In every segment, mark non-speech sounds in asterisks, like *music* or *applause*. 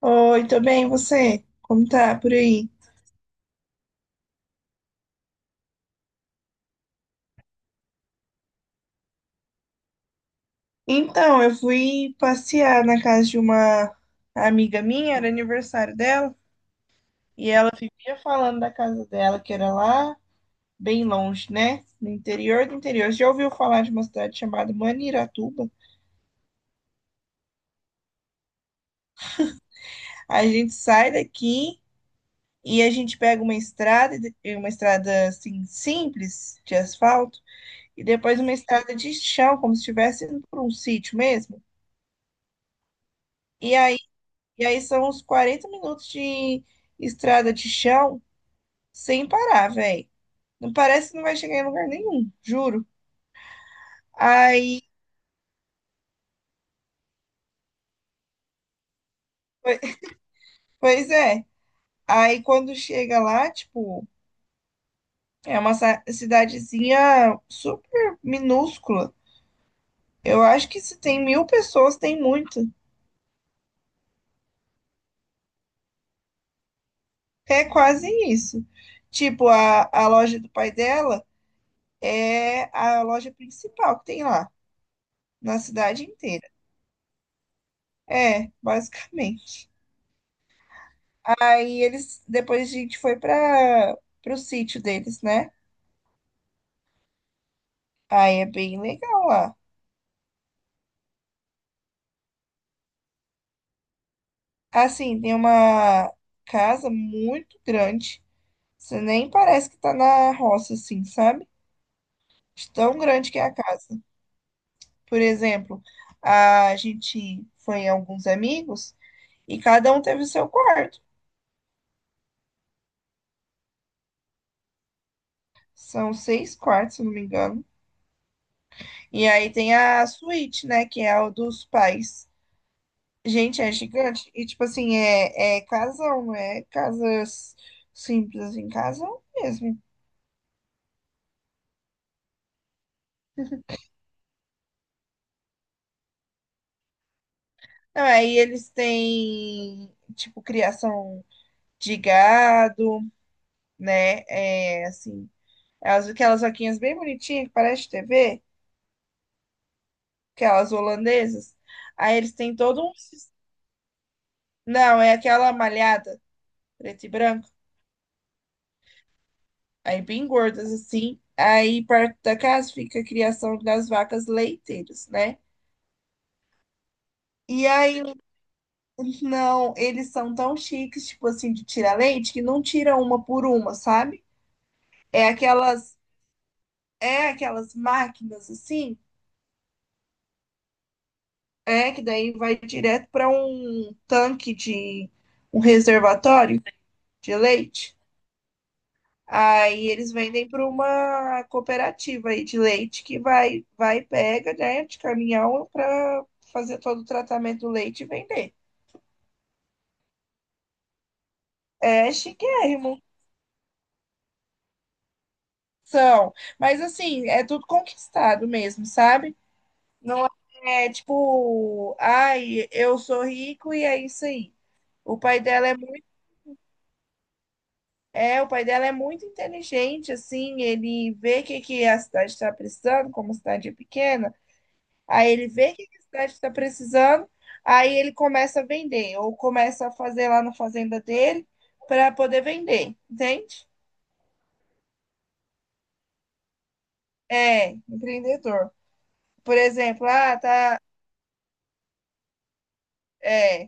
Oi, tudo bem, e você? Como tá por aí? Então, eu fui passear na casa de uma amiga minha, era aniversário dela, e ela vivia falando da casa dela, que era lá bem longe, né? No interior do interior. Você já ouviu falar de uma cidade chamada Maniratuba? A gente sai daqui e a gente pega uma estrada, e uma estrada assim simples de asfalto, e depois uma estrada de chão, como se estivesse indo por um sítio mesmo. E aí E aí são uns 40 minutos de estrada de chão sem parar, velho. Não parece que não vai chegar em lugar nenhum, juro. Aí, pois é. Aí quando chega lá, tipo, é uma cidadezinha super minúscula. Eu acho que se tem mil pessoas, tem muito. É quase isso. Tipo, a loja do pai dela é a loja principal que tem lá, na cidade inteira. É, basicamente. Aí eles, depois a gente foi para o sítio deles, né? Aí é bem legal lá. Assim, tem uma casa muito grande. Você nem parece que tá na roça, assim, sabe? De tão grande que é a casa. Por exemplo, a gente foi em alguns amigos e cada um teve o seu quarto. São seis quartos, se eu não me engano. E aí tem a suíte, né? Que é a dos pais. Gente, é gigante. E, tipo assim, é casão, não é casas simples, assim, casão mesmo. Não, aí eles têm, tipo, criação de gado, né? É, assim, aquelas vaquinhas bem bonitinhas, que parece TV, aquelas holandesas. Aí eles têm todo um... Não, é aquela malhada, preto e branco. Aí bem gordas, assim. Aí perto da casa fica a criação das vacas leiteiras, né? E aí Não, eles são tão chiques, tipo assim, de tirar leite, que não tira uma por uma, sabe? É aquelas, é aquelas máquinas assim, é que daí vai direto para um tanque de um reservatório de leite. Aí eles vendem para uma cooperativa aí de leite que vai pega, né, de caminhão para fazer todo o tratamento do leite e vender. É chiquérrimo. São, mas assim, é tudo conquistado mesmo, sabe? Não é tipo, ai, eu sou rico e é isso aí. O pai dela é muito, é, o pai dela é muito inteligente, assim, ele vê o que, que a cidade está precisando, como a cidade é pequena, aí ele vê o que, que a cidade está precisando, aí ele começa a vender, ou começa a fazer lá na fazenda dele para poder vender, entende? É, empreendedor. Por exemplo, ah, tá. É.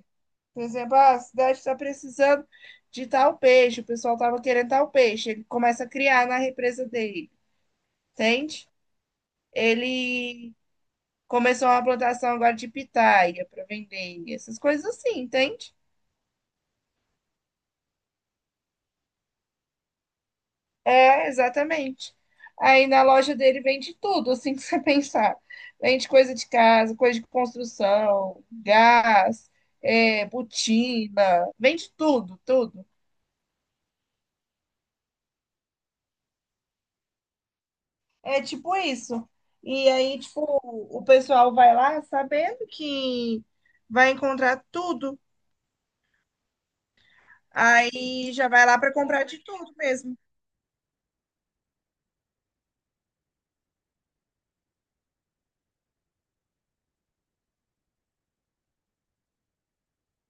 Por exemplo, ah, a cidade está precisando de tal peixe, o pessoal estava querendo tal peixe. Ele começa a criar na represa dele, entende? Ele começou uma plantação agora de pitaia para vender, essas coisas assim, entende? É, exatamente. Aí na loja dele vende tudo, assim, *laughs* que você pensar. Vende coisa de casa, coisa de construção, gás, é, botina, vende tudo, tudo. É tipo isso. E aí, tipo, o pessoal vai lá sabendo que vai encontrar tudo. Aí já vai lá para comprar de tudo mesmo.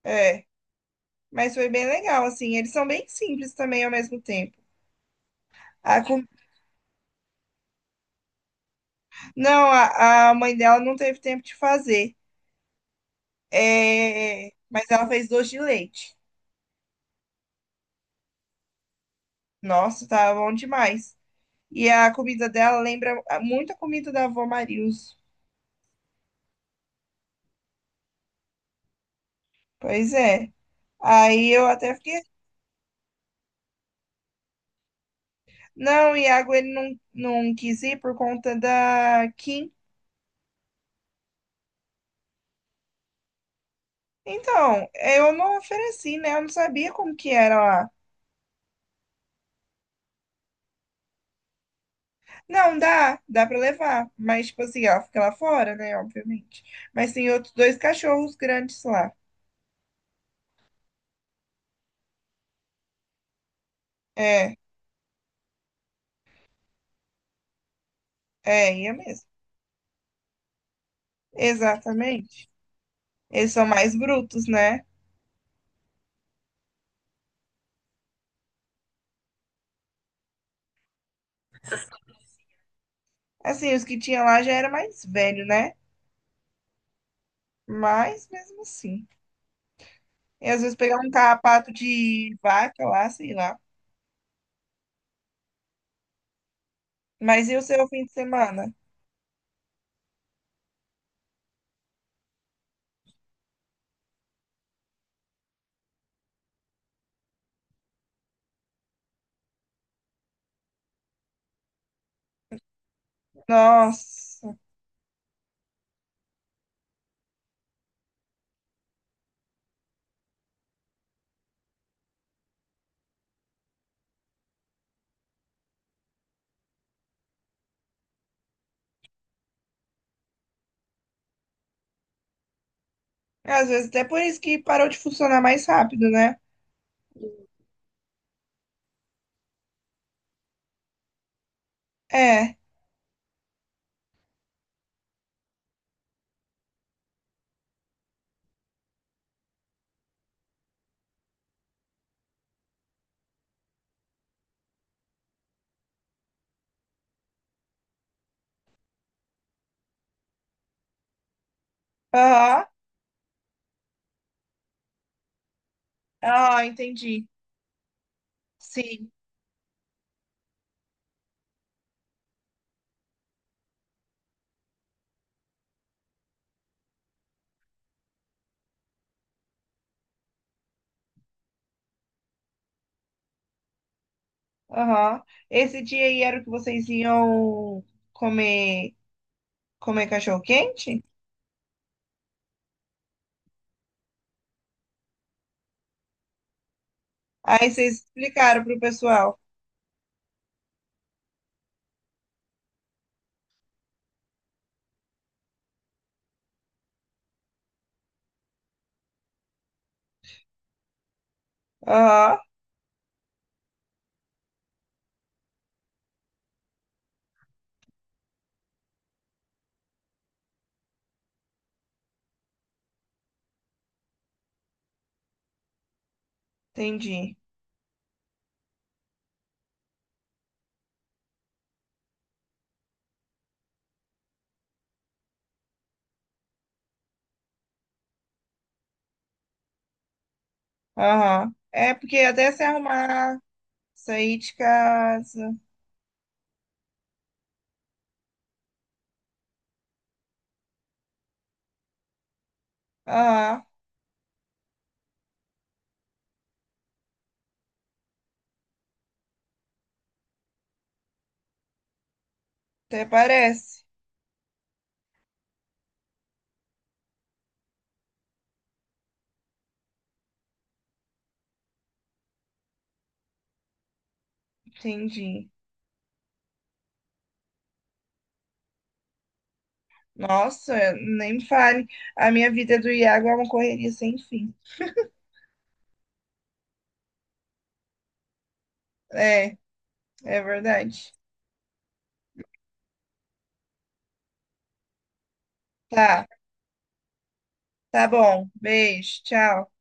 É, mas foi bem legal, assim. Eles são bem simples também ao mesmo tempo. A com- Não, a mãe dela não teve tempo de fazer. É, mas ela fez doce de leite. Nossa, tá bom demais. E a comida dela lembra muito a comida da avó Marilson. Pois é. Aí eu até fiquei. Não, o Iago ele não quis ir por conta da Kim. Então, eu não ofereci, né? Eu não sabia como que era lá. Não, dá pra levar. Mas, tipo assim, ela fica lá fora, né? Obviamente. Mas tem outros dois cachorros grandes lá. É, é, ia mesmo. Exatamente. Eles são mais brutos, né? Assim, os que tinha lá já era mais velho, né? Mas mesmo assim. E às vezes pegar um carrapato de vaca lá, sei lá. Mas e o seu fim de semana? Nossa. É, às vezes até por isso que parou de funcionar mais rápido, né? É. Aham. Ah, entendi. Sim. Aham. Esse dia aí era o que vocês iam comer, comer cachorro quente? Aí vocês explicaram pro pessoal. Aham. Entendi. Aham. É porque até se arrumar, sair de casa. Aham. Até parece. Entendi. Nossa, nem me fale. A minha vida do Iago é uma correria sem fim. É, é verdade. Tá, tá bom. Beijo, tchau.